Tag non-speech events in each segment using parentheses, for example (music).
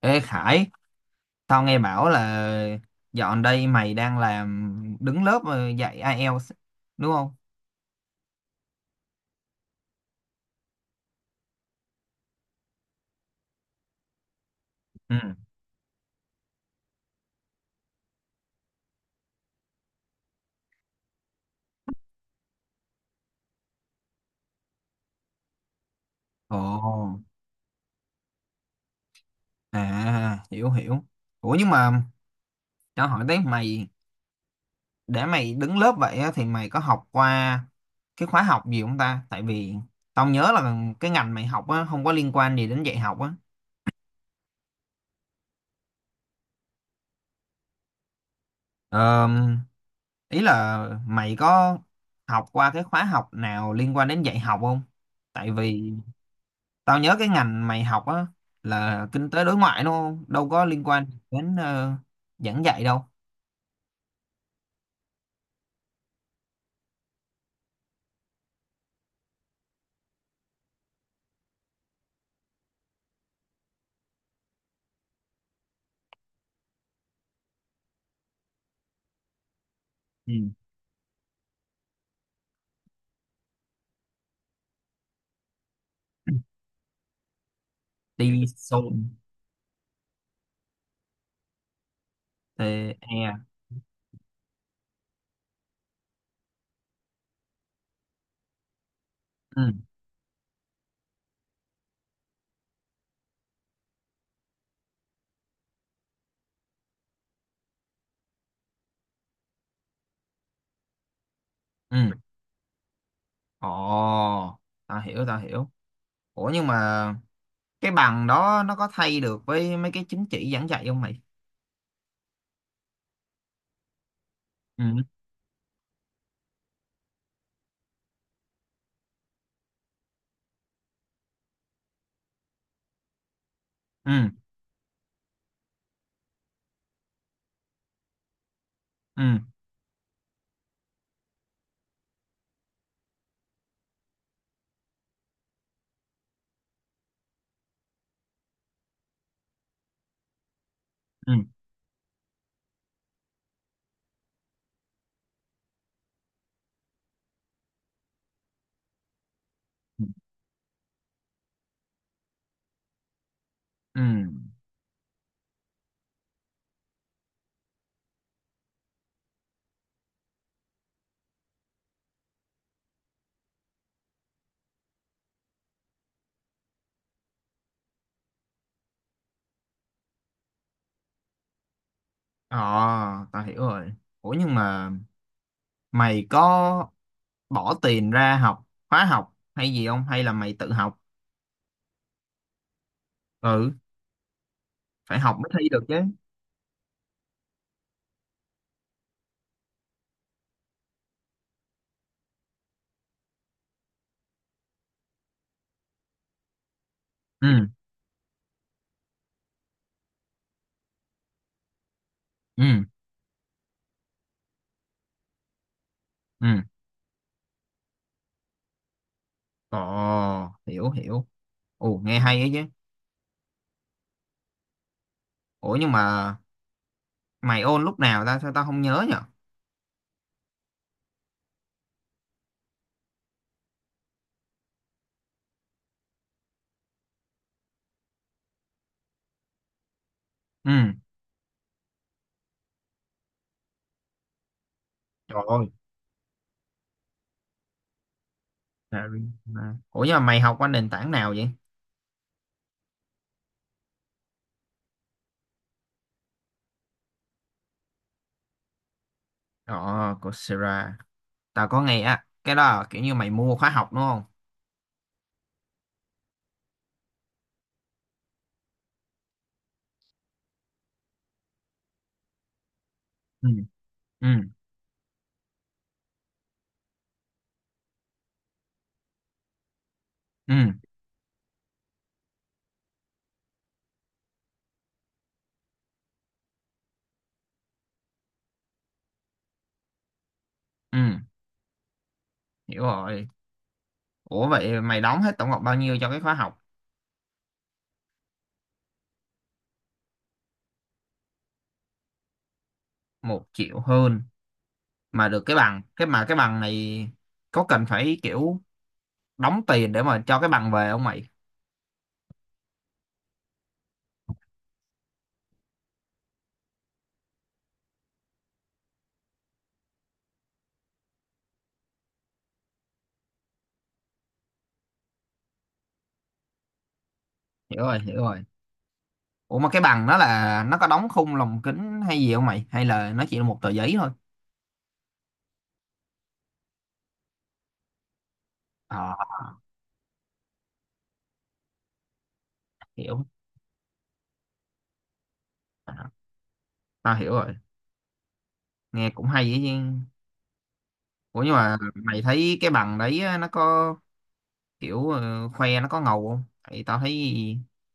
Ê Khải, tao nghe bảo là dọn đây mày đang làm đứng lớp dạy IELTS đúng không? Ừ. Ồ, à hiểu hiểu. Ủa nhưng mà tao hỏi tới mày để mày đứng lớp vậy á, thì mày có học qua cái khóa học gì không ta? Tại vì tao nhớ là cái ngành mày học á không có liên quan gì đến dạy học á. Ờ, ý là mày có học qua cái khóa học nào liên quan đến dạy học không? Tại vì tao nhớ cái ngành mày học á là kinh tế đối ngoại đúng không? Đâu có liên quan đến giảng dạy đâu. Ừ. (clears throat) TV. Soul. TE. Ừ, ừ. Ồ, tao hiểu tao hiểu. Ủa nhưng mà cái bằng đó nó có thay được với mấy cái chứng chỉ giảng dạy không mày? Ừ, ừ, ừ, ừ, ừ, ừ. Ờ, tao hiểu rồi. Ủa nhưng mà mày có bỏ tiền ra học khóa học hay gì không, hay là mày tự học? Ừ, phải học mới thi được chứ. Ừ, ừ, ừ. Ồ, hiểu hiểu. Ồ, nghe hay ấy chứ. Ủa nhưng mà mày ôn lúc nào ta, sao tao không nhớ nhở? Ừ. Trời ơi Sarina. Ủa nhưng mà mày học qua nền tảng nào vậy? Ồ, Coursera. Tao có nghe á, cái đó là kiểu như mày mua khóa học đúng không? Ừ, ừ, ừ, ừ. Hiểu rồi. Ủa vậy mày đóng hết tổng cộng bao nhiêu cho cái khóa học? Một triệu hơn mà được cái bằng. Cái mà cái bằng này có cần phải kiểu đóng tiền để mà cho cái bằng về không mày? Hiểu rồi hiểu rồi. Ủa mà cái bằng nó là nó có đóng khung lồng kính hay gì không mày, hay là nó chỉ là một tờ giấy thôi? Ờ, hiểu. À, tao hiểu rồi. Nghe cũng hay ấy chứ. Ủa nhưng mà mày thấy cái bằng đấy á, nó có kiểu khoe nó có ngầu không? Thì tao thấy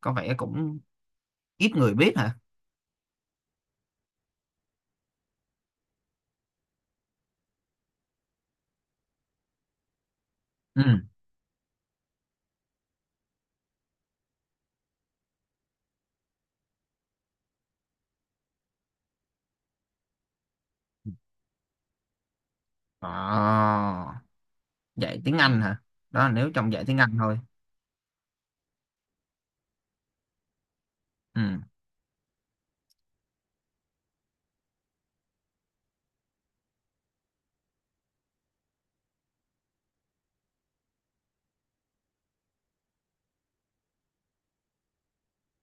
có vẻ cũng ít người biết hả. Ừ. Ờ, dạy tiếng Anh hả? Đó là nếu trong dạy tiếng Anh thôi. Ừ.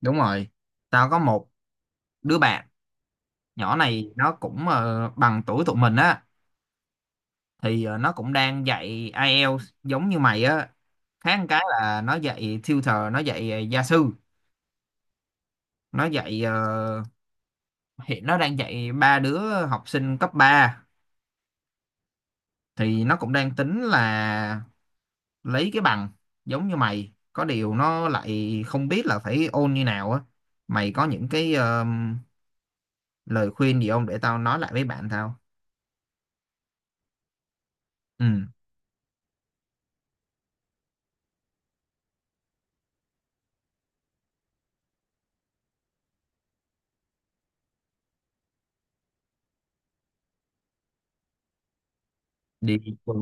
Đúng rồi. Tao có một đứa bạn nhỏ này, nó cũng bằng tuổi tụi mình á. Thì nó cũng đang dạy IELTS giống như mày á. Khác một cái là nó dạy tutor. Nó dạy gia sư. Nó dạy ờ, hiện nó đang dạy ba đứa học sinh cấp ba. Thì nó cũng đang tính là lấy cái bằng giống như mày, có điều nó lại không biết là phải ôn như nào á. Mày có những cái lời khuyên gì không để tao nói lại với bạn tao? Ừ. Đi. Ừ,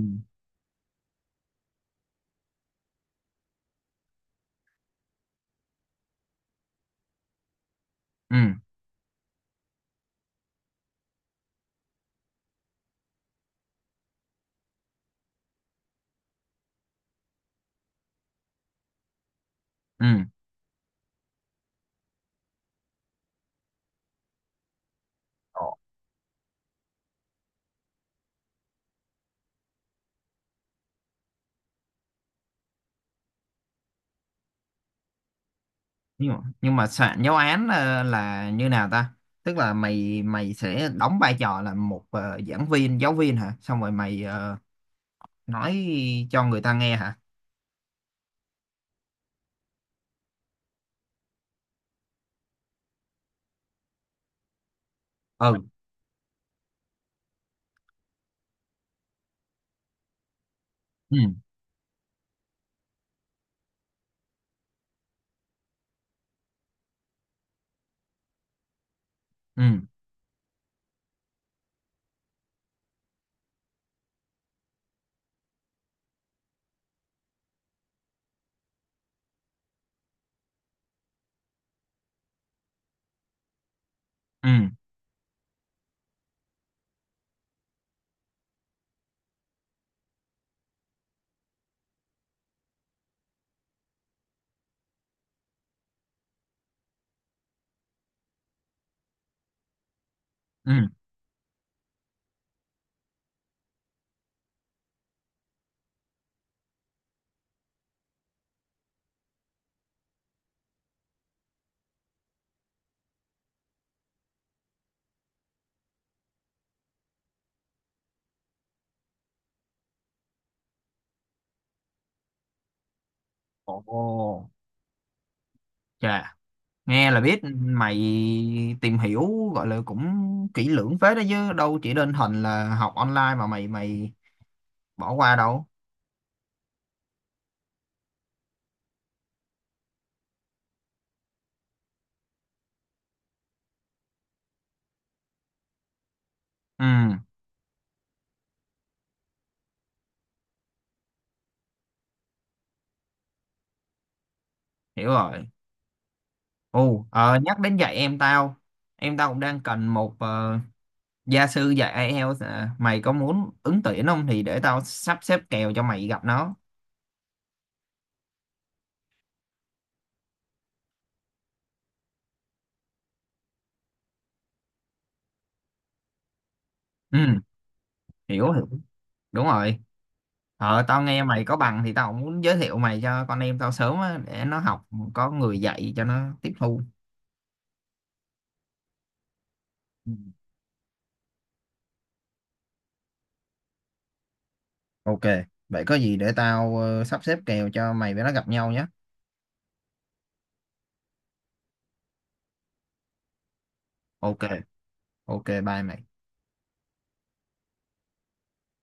ừ, ừ. Nhưng mà soạn giáo án là như nào ta? Tức là mày mày sẽ đóng vai trò là một giảng viên giáo viên hả, xong rồi mày nói cho người ta nghe hả? Ừ, ừ, ừ, ừ, ừ. Ồ, chà. Nghe là biết mày tìm hiểu gọi là cũng kỹ lưỡng phết đó chứ, đâu chỉ đơn thuần là học online mà mày mày bỏ qua đâu. Ừ, hiểu rồi. Ồ, nhắc đến dạy em tao, em tao cũng đang cần một gia sư dạy IELTS. À, mày có muốn ứng tuyển không thì để tao sắp xếp kèo cho mày gặp nó? Ừ, hiểu hiểu. Đúng rồi. Ờ, tao nghe mày có bằng thì tao cũng muốn giới thiệu mày cho con em tao sớm á, để nó học có người dạy cho nó tiếp thu. Ừ. Ok, vậy có gì để tao sắp xếp kèo cho mày với nó gặp nhau nhé. Ok. Ok, bye mày.